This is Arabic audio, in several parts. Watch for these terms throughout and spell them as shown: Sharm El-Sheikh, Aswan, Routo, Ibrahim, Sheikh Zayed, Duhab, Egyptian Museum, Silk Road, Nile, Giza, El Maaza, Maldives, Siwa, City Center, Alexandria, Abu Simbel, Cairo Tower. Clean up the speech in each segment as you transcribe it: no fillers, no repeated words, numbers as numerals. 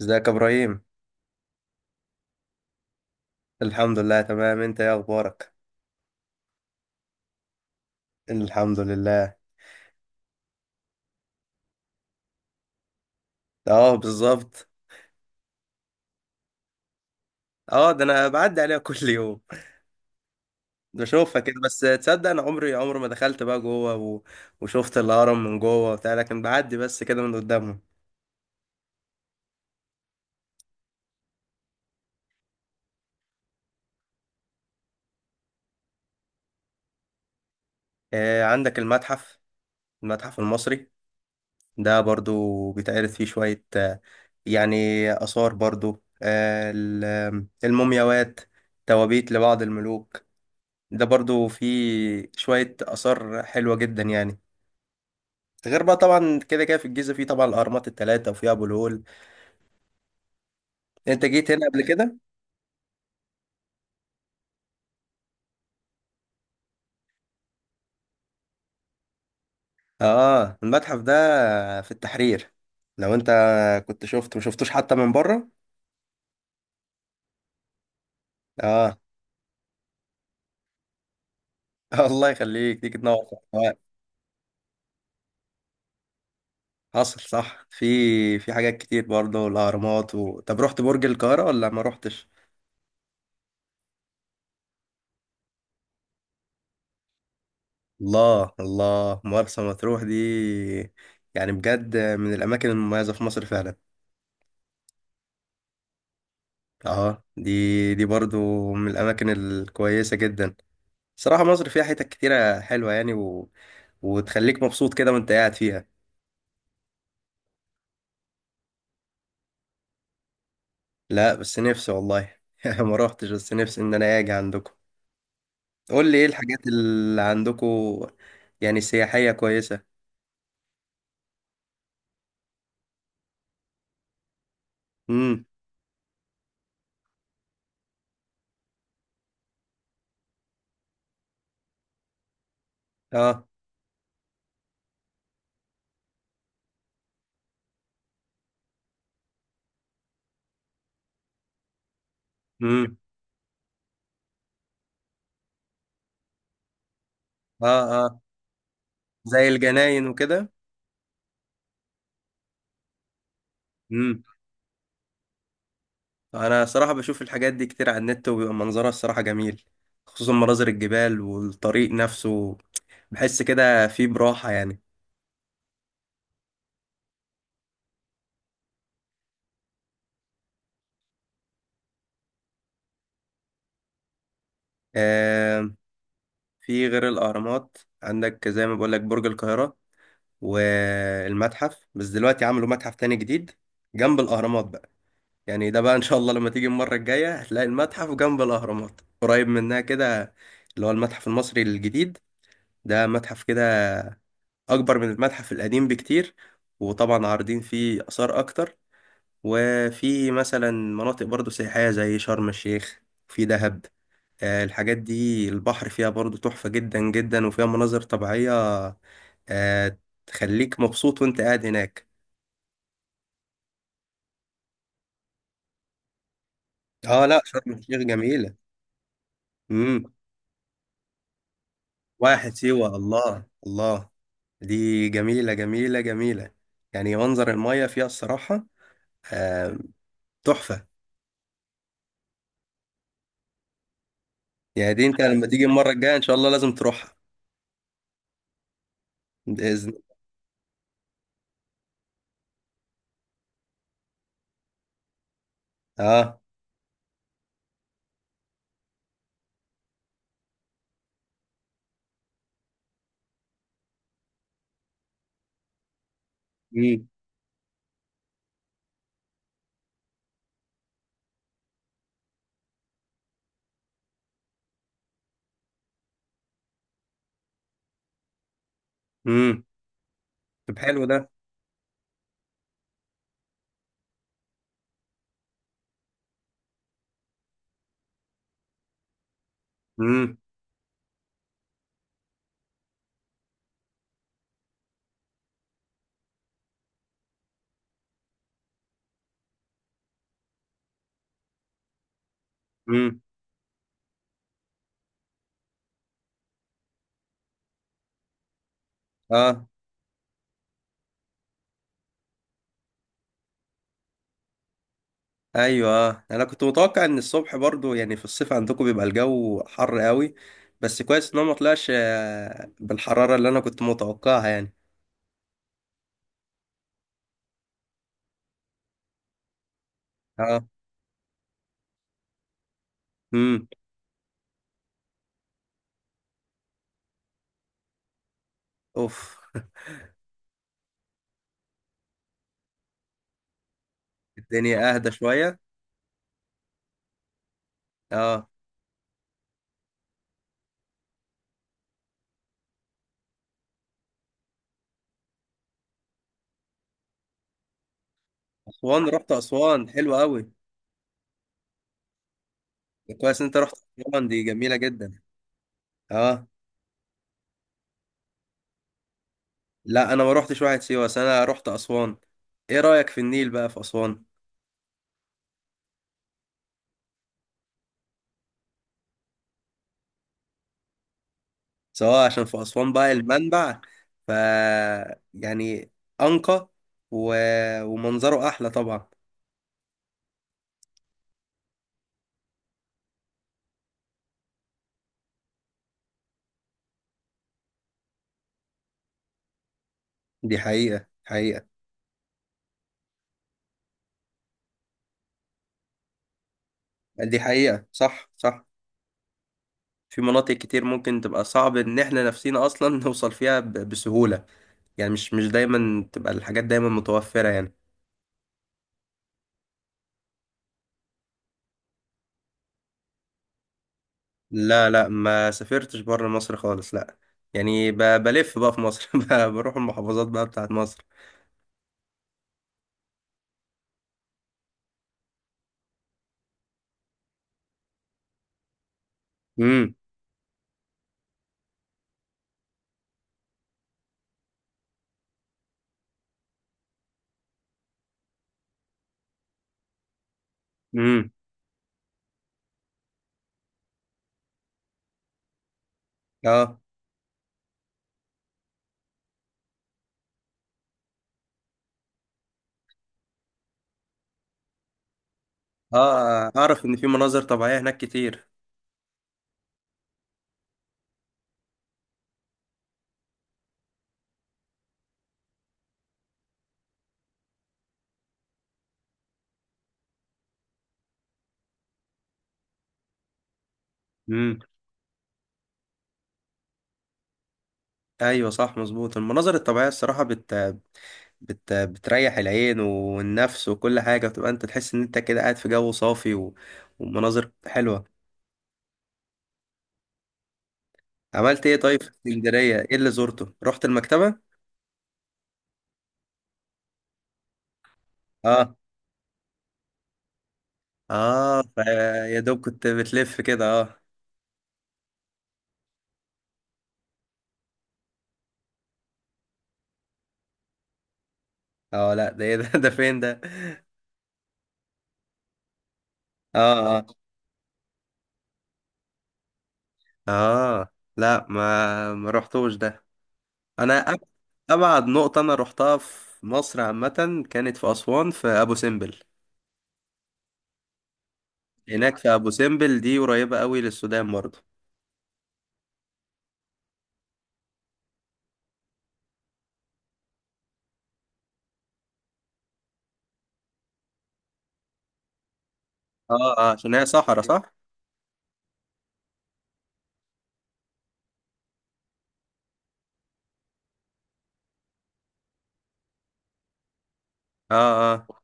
ازيك يا ابراهيم؟ الحمد لله تمام. انت ايه اخبارك؟ الحمد لله. اه، بالظبط. اه، ده انا بعدي عليها كل يوم بشوفها كده، بس تصدق انا عمري عمري ما دخلت بقى جوه وشفت الهرم من جوه وبتاع، لكن بعدي بس كده من قدامهم. آه، عندك المتحف، المتحف المصري. ده برضو بيتعرض فيه شوية يعني آثار برضو، المومياوات، توابيت لبعض الملوك. ده برضو فيه شوية آثار حلوة جدا يعني. غير بقى طبعا كده كده، في الجيزة في طبعا الأهرامات التلاتة، وفي أبو الهول. أنت جيت هنا قبل كده؟ آه، المتحف ده في التحرير. لو أنت كنت شفته ما شفتوش حتى من بره. آه. الله يخليك، تيجي تنور في الحوار. حصل، صح. في حاجات كتير برضه، الأهرامات طب رحت برج القاهرة ولا ما رحتش؟ الله الله، مرسى مطروح دي يعني بجد من الأماكن المميزة في مصر فعلا. آه، دي برضه من الأماكن الكويسة جدا. صراحة مصر فيها حتت كتيرة حلوة يعني وتخليك مبسوط كده وانت قاعد فيها. لا، بس نفسي والله ما روحتش، بس نفسي ان انا اجي عندكم. قول لي ايه الحاجات اللي عندكم يعني سياحية كويسة. امم. اه. امم. اه اه. زي الجناين وكده. امم. انا صراحة بشوف الحاجات دي كتير على النت، وبيبقى منظرها الصراحة جميل، خصوصا مناظر الجبال والطريق نفسه. بحس كده فيه براحة يعني. آه، في غير الأهرامات عندك زي ما بقول لك برج القاهرة والمتحف، بس دلوقتي عملوا متحف تاني جديد جنب الأهرامات بقى. يعني ده بقى إن شاء الله لما تيجي المرة الجاية هتلاقي المتحف جنب الأهرامات قريب منها كده، اللي هو المتحف المصري الجديد. ده متحف كده أكبر من المتحف القديم بكتير، وطبعا عارضين فيه آثار أكتر. وفي مثلا مناطق برضو سياحية زي شرم الشيخ، في دهب. الحاجات دي البحر فيها برضو تحفة جدا جدا، وفيها مناظر طبيعية. آه. تخليك مبسوط وانت قاعد هناك. اه لا، شرم الشيخ جميلة. امم. واحد سيوة، الله الله، دي جميلة جميلة جميلة، يعني منظر المية فيها الصراحة، آه، تحفة. يعني دي انت لما تيجي المرة الجاية ان شاء الله لازم تروحها. بإذن. اه. امم. امم. طب حلو ده. امم. امم. اه. ايوه، آه. انا كنت متوقع ان الصبح برضو يعني في الصيف عندكم بيبقى الجو حر قوي، بس كويس ان هو ما طلعش بالحراره اللي انا كنت متوقعها يعني. اه. امم. اوف. الدنيا اهدى شويه. اه. اسوان، رحت اسوان؟ حلوه قوي، كويس ان انت رحت. اسوان دي جميله جدا. اه، لا انا ما رحتش واحد سيوه، بس انا رحت اسوان. ايه رايك في النيل بقى في اسوان؟ سواء عشان في أسوان بقى المنبع، ف يعني أنقى و... ومنظره أحلى طبعا. دي حقيقة حقيقة. دي حقيقة، صح صح. في مناطق كتير ممكن تبقى صعب إن إحنا نفسينا أصلا نوصل فيها بسهولة. يعني مش دايما تبقى الحاجات دايما متوفرة يعني. لا لا، ما سافرتش بره مصر خالص، لا. يعني بلف بقى في مصر، بروح المحافظات بقى بتاعت مصر. امم. امم. اه اه. اعرف ان في مناظر طبيعية هناك كتير. امم. ايوه، صح، مظبوط. المناظر الطبيعيه الصراحه بتريح العين والنفس وكل حاجه، بتبقى انت تحس ان انت كده قاعد في جو صافي ومناظر حلوه. عملت ايه طيب في اسكندريه؟ ايه اللي زرته؟ رحت المكتبه؟ اه اه، يا دوب كنت بتلف كده، اه. اه لا، ده ايه ده؟ ده فين ده؟ اه اه. اه لا، ما رحتوش ده. انا أب- ابعد نقطه انا رحتها في مصر عامه كانت في اسوان، في ابو سمبل. هناك في ابو سمبل، دي قريبه قوي للسودان برضه. اه اه، عشان هي صحراء، صح. اه اه،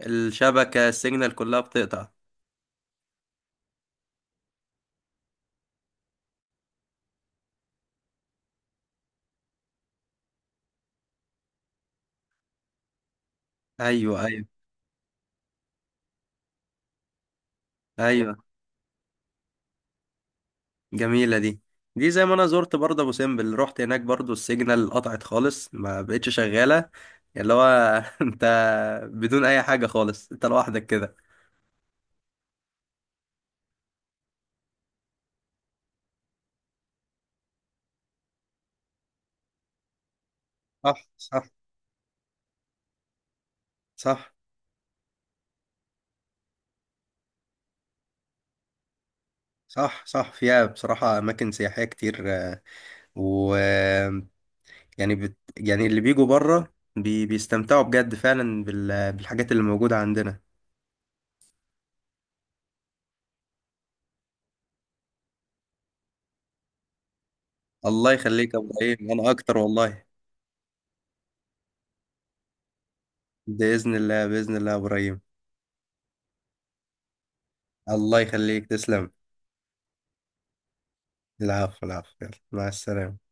الشبكه، السيجنال كلها بتقطع. ايوه ايوه. ايوه جميله دي. دي زي ما انا زرت برضه ابو سمبل، رحت هناك، برضه السيجنال قطعت خالص، ما بقتش شغاله، اللي هو انت بدون اي حاجه خالص، انت لوحدك كده. صح صح. صح. صح صح، فيها بصراحة أماكن سياحية كتير، و يعني يعني اللي بيجوا بره بيستمتعوا بجد فعلا بالحاجات اللي موجودة عندنا. الله يخليك يا ابراهيم، انا اكتر والله. بإذن الله، بإذن الله يا ابراهيم. الله يخليك، تسلم. العفو، العفو، يلا مع السلامة.